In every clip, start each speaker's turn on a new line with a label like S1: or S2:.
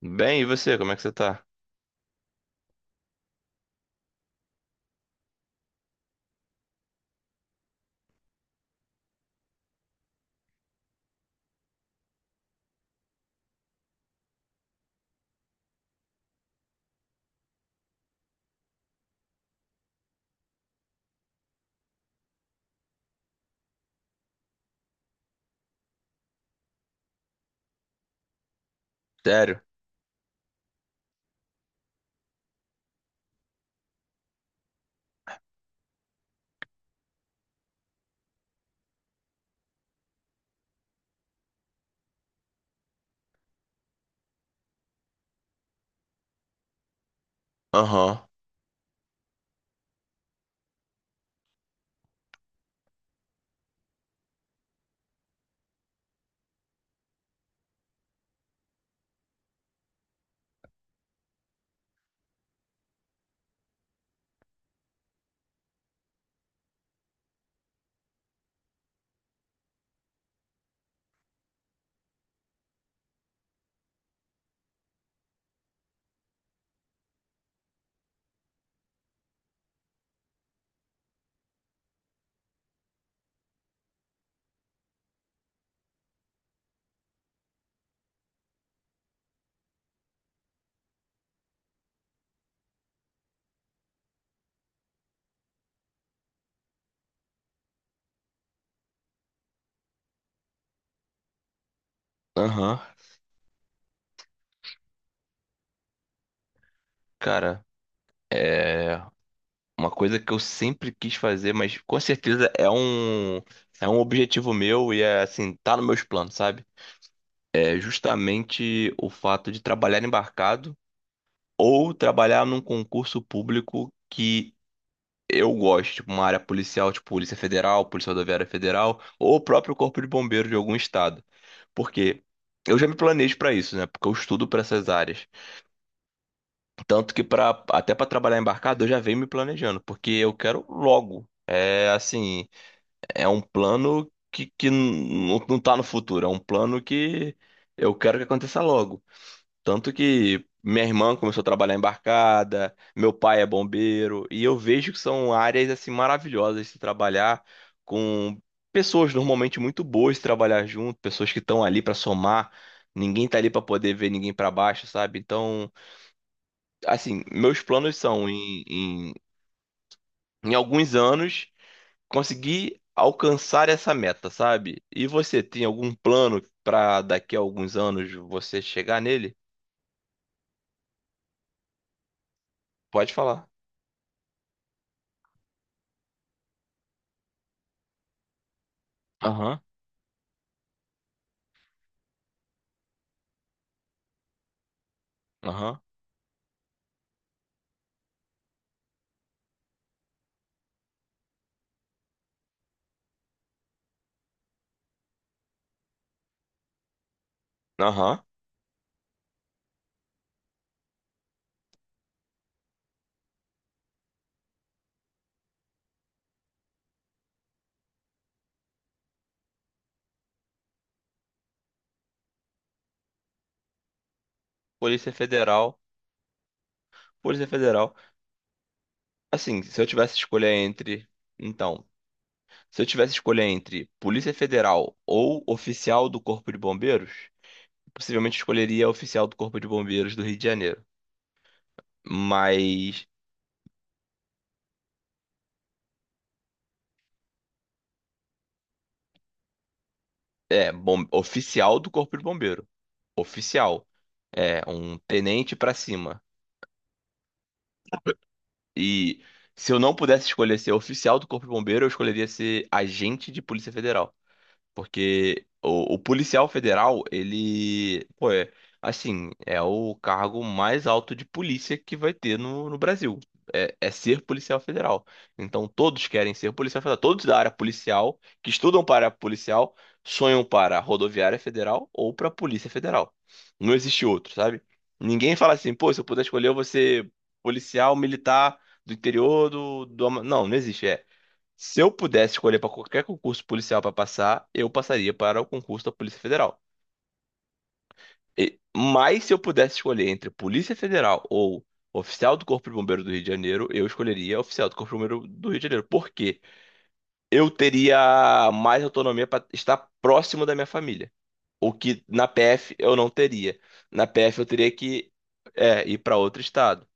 S1: Bem, e você, como é que você tá? Sério? Aham, aham. Cara, é uma coisa que eu sempre quis fazer, mas com certeza é um objetivo meu e é assim, tá nos meus planos, sabe? É justamente o fato de trabalhar embarcado ou trabalhar num concurso público que eu gosto, tipo uma área policial, tipo Polícia Federal, Polícia Rodoviária Federal ou o próprio Corpo de Bombeiros de algum estado. Porque eu já me planejo pra isso, né? Porque eu estudo pra essas áreas. Tanto que para até para trabalhar embarcado eu já venho me planejando, porque eu quero logo. É assim, é um plano que não tá no futuro, é um plano que eu quero que aconteça logo. Tanto que minha irmã começou a trabalhar embarcada, meu pai é bombeiro, e eu vejo que são áreas assim maravilhosas de se trabalhar com pessoas normalmente muito boas de trabalhar junto, pessoas que estão ali para somar, ninguém tá ali para poder ver ninguém para baixo, sabe? Então, assim, meus planos são em alguns anos conseguir alcançar essa meta, sabe? E você tem algum plano pra daqui a alguns anos você chegar nele? Pode falar. Aham, aham, aham. Polícia Federal, Polícia Federal. Assim, se eu tivesse que escolher entre, então, se eu tivesse que escolher entre Polícia Federal ou oficial do Corpo de Bombeiros, possivelmente escolheria oficial do Corpo de Bombeiros do Rio de Janeiro. Mas é, bom, oficial do Corpo de Bombeiro. Oficial. É, um tenente pra cima. E se eu não pudesse escolher ser oficial do Corpo de Bombeiro, eu escolheria ser agente de Polícia Federal. Porque o policial federal, ele, pô, é, assim, é o cargo mais alto de polícia que vai ter no Brasil. É ser policial federal. Então todos querem ser policial federal. Todos da área policial, que estudam para a policial, sonham para a rodoviária federal ou para a polícia federal. Não existe outro, sabe? Ninguém fala assim, pô, se eu puder escolher, eu vou ser policial militar do interior do... Ama- Não, não existe. É, se eu pudesse escolher para qualquer concurso policial para passar, eu passaria para o concurso da Polícia Federal. E- mas se eu pudesse escolher entre Polícia Federal ou oficial do Corpo de Bombeiro do Rio de Janeiro, eu escolheria oficial do Corpo de Bombeiro do Rio de Janeiro. Por quê? Eu teria mais autonomia para estar próximo da minha família. O que na PF eu não teria. Na PF eu teria que ir para outro estado.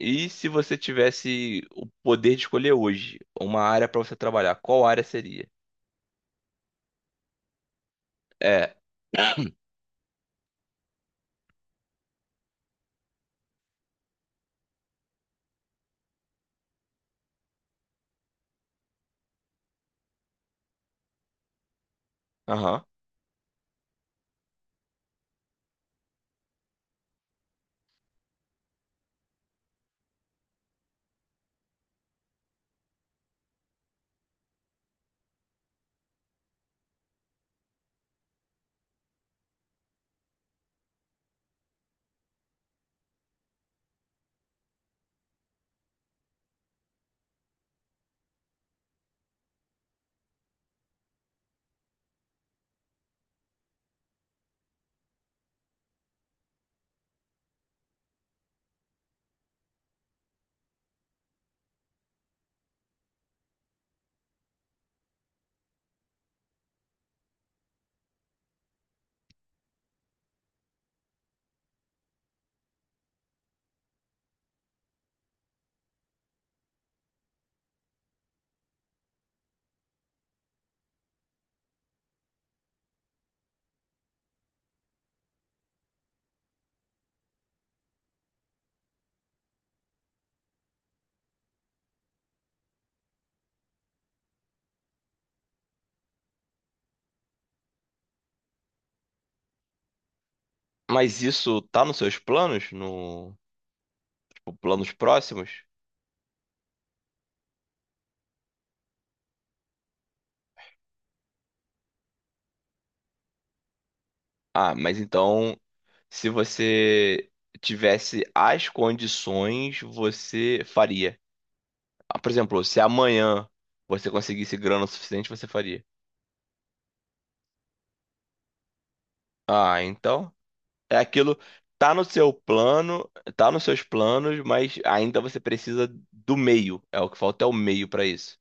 S1: E se você tivesse o poder de escolher hoje uma área para você trabalhar, qual área seria? É, aham. Mas isso tá nos seus planos? No, tipo, planos próximos? Ah, mas então, se você tivesse as condições, você faria. Ah, por exemplo, se amanhã você conseguisse grana o suficiente, você faria. Ah, então é aquilo, tá no seu plano, tá nos seus planos, mas ainda você precisa do meio. É o que falta é o meio pra isso.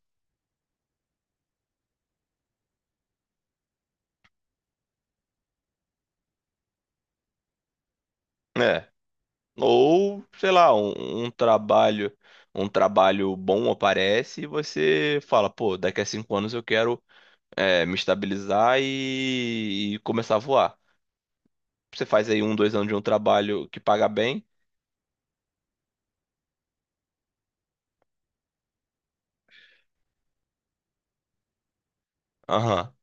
S1: É. Ou, sei lá, um trabalho bom aparece e você fala, pô, daqui a 5 anos eu quero me estabilizar e começar a voar. Você faz aí um, dois anos de um trabalho que paga bem. Aham.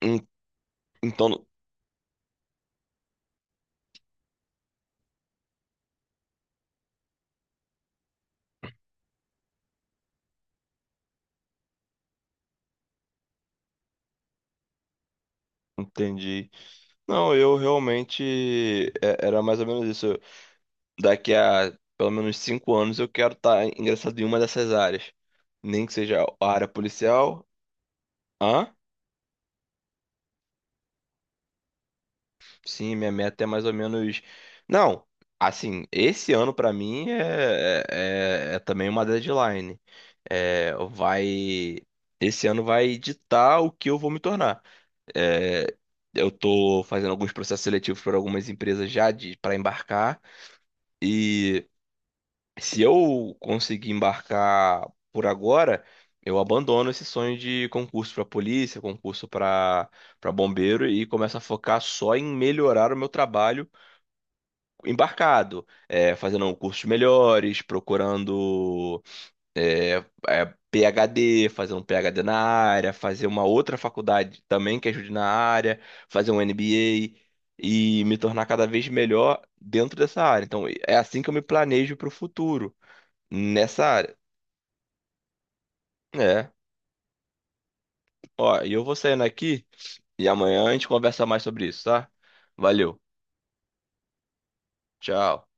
S1: En- Então, entendi. Não, eu realmente era mais ou menos isso. Eu- daqui a pelo menos 5 anos eu quero estar ingressado em uma dessas áreas. Nem que seja a área policial. Hã? Sim, minha meta é mais ou menos. Não, assim, esse ano pra mim é também uma deadline. É, vai. Esse ano vai ditar o que eu vou me tornar. É, eu tô fazendo alguns processos seletivos para algumas empresas já de para embarcar. E se eu conseguir embarcar por agora, eu abandono esse sonho de concurso para polícia, concurso para para bombeiro e começo a focar só em melhorar o meu trabalho embarcado, é, fazendo cursos melhores, procurando PhD, fazer um PhD na área, fazer uma outra faculdade também que ajude na área, fazer um MBA e me tornar cada vez melhor dentro dessa área. Então, é assim que eu me planejo para o futuro, nessa área. É, ó, e eu vou saindo aqui e amanhã a gente conversa mais sobre isso, tá? Valeu, tchau.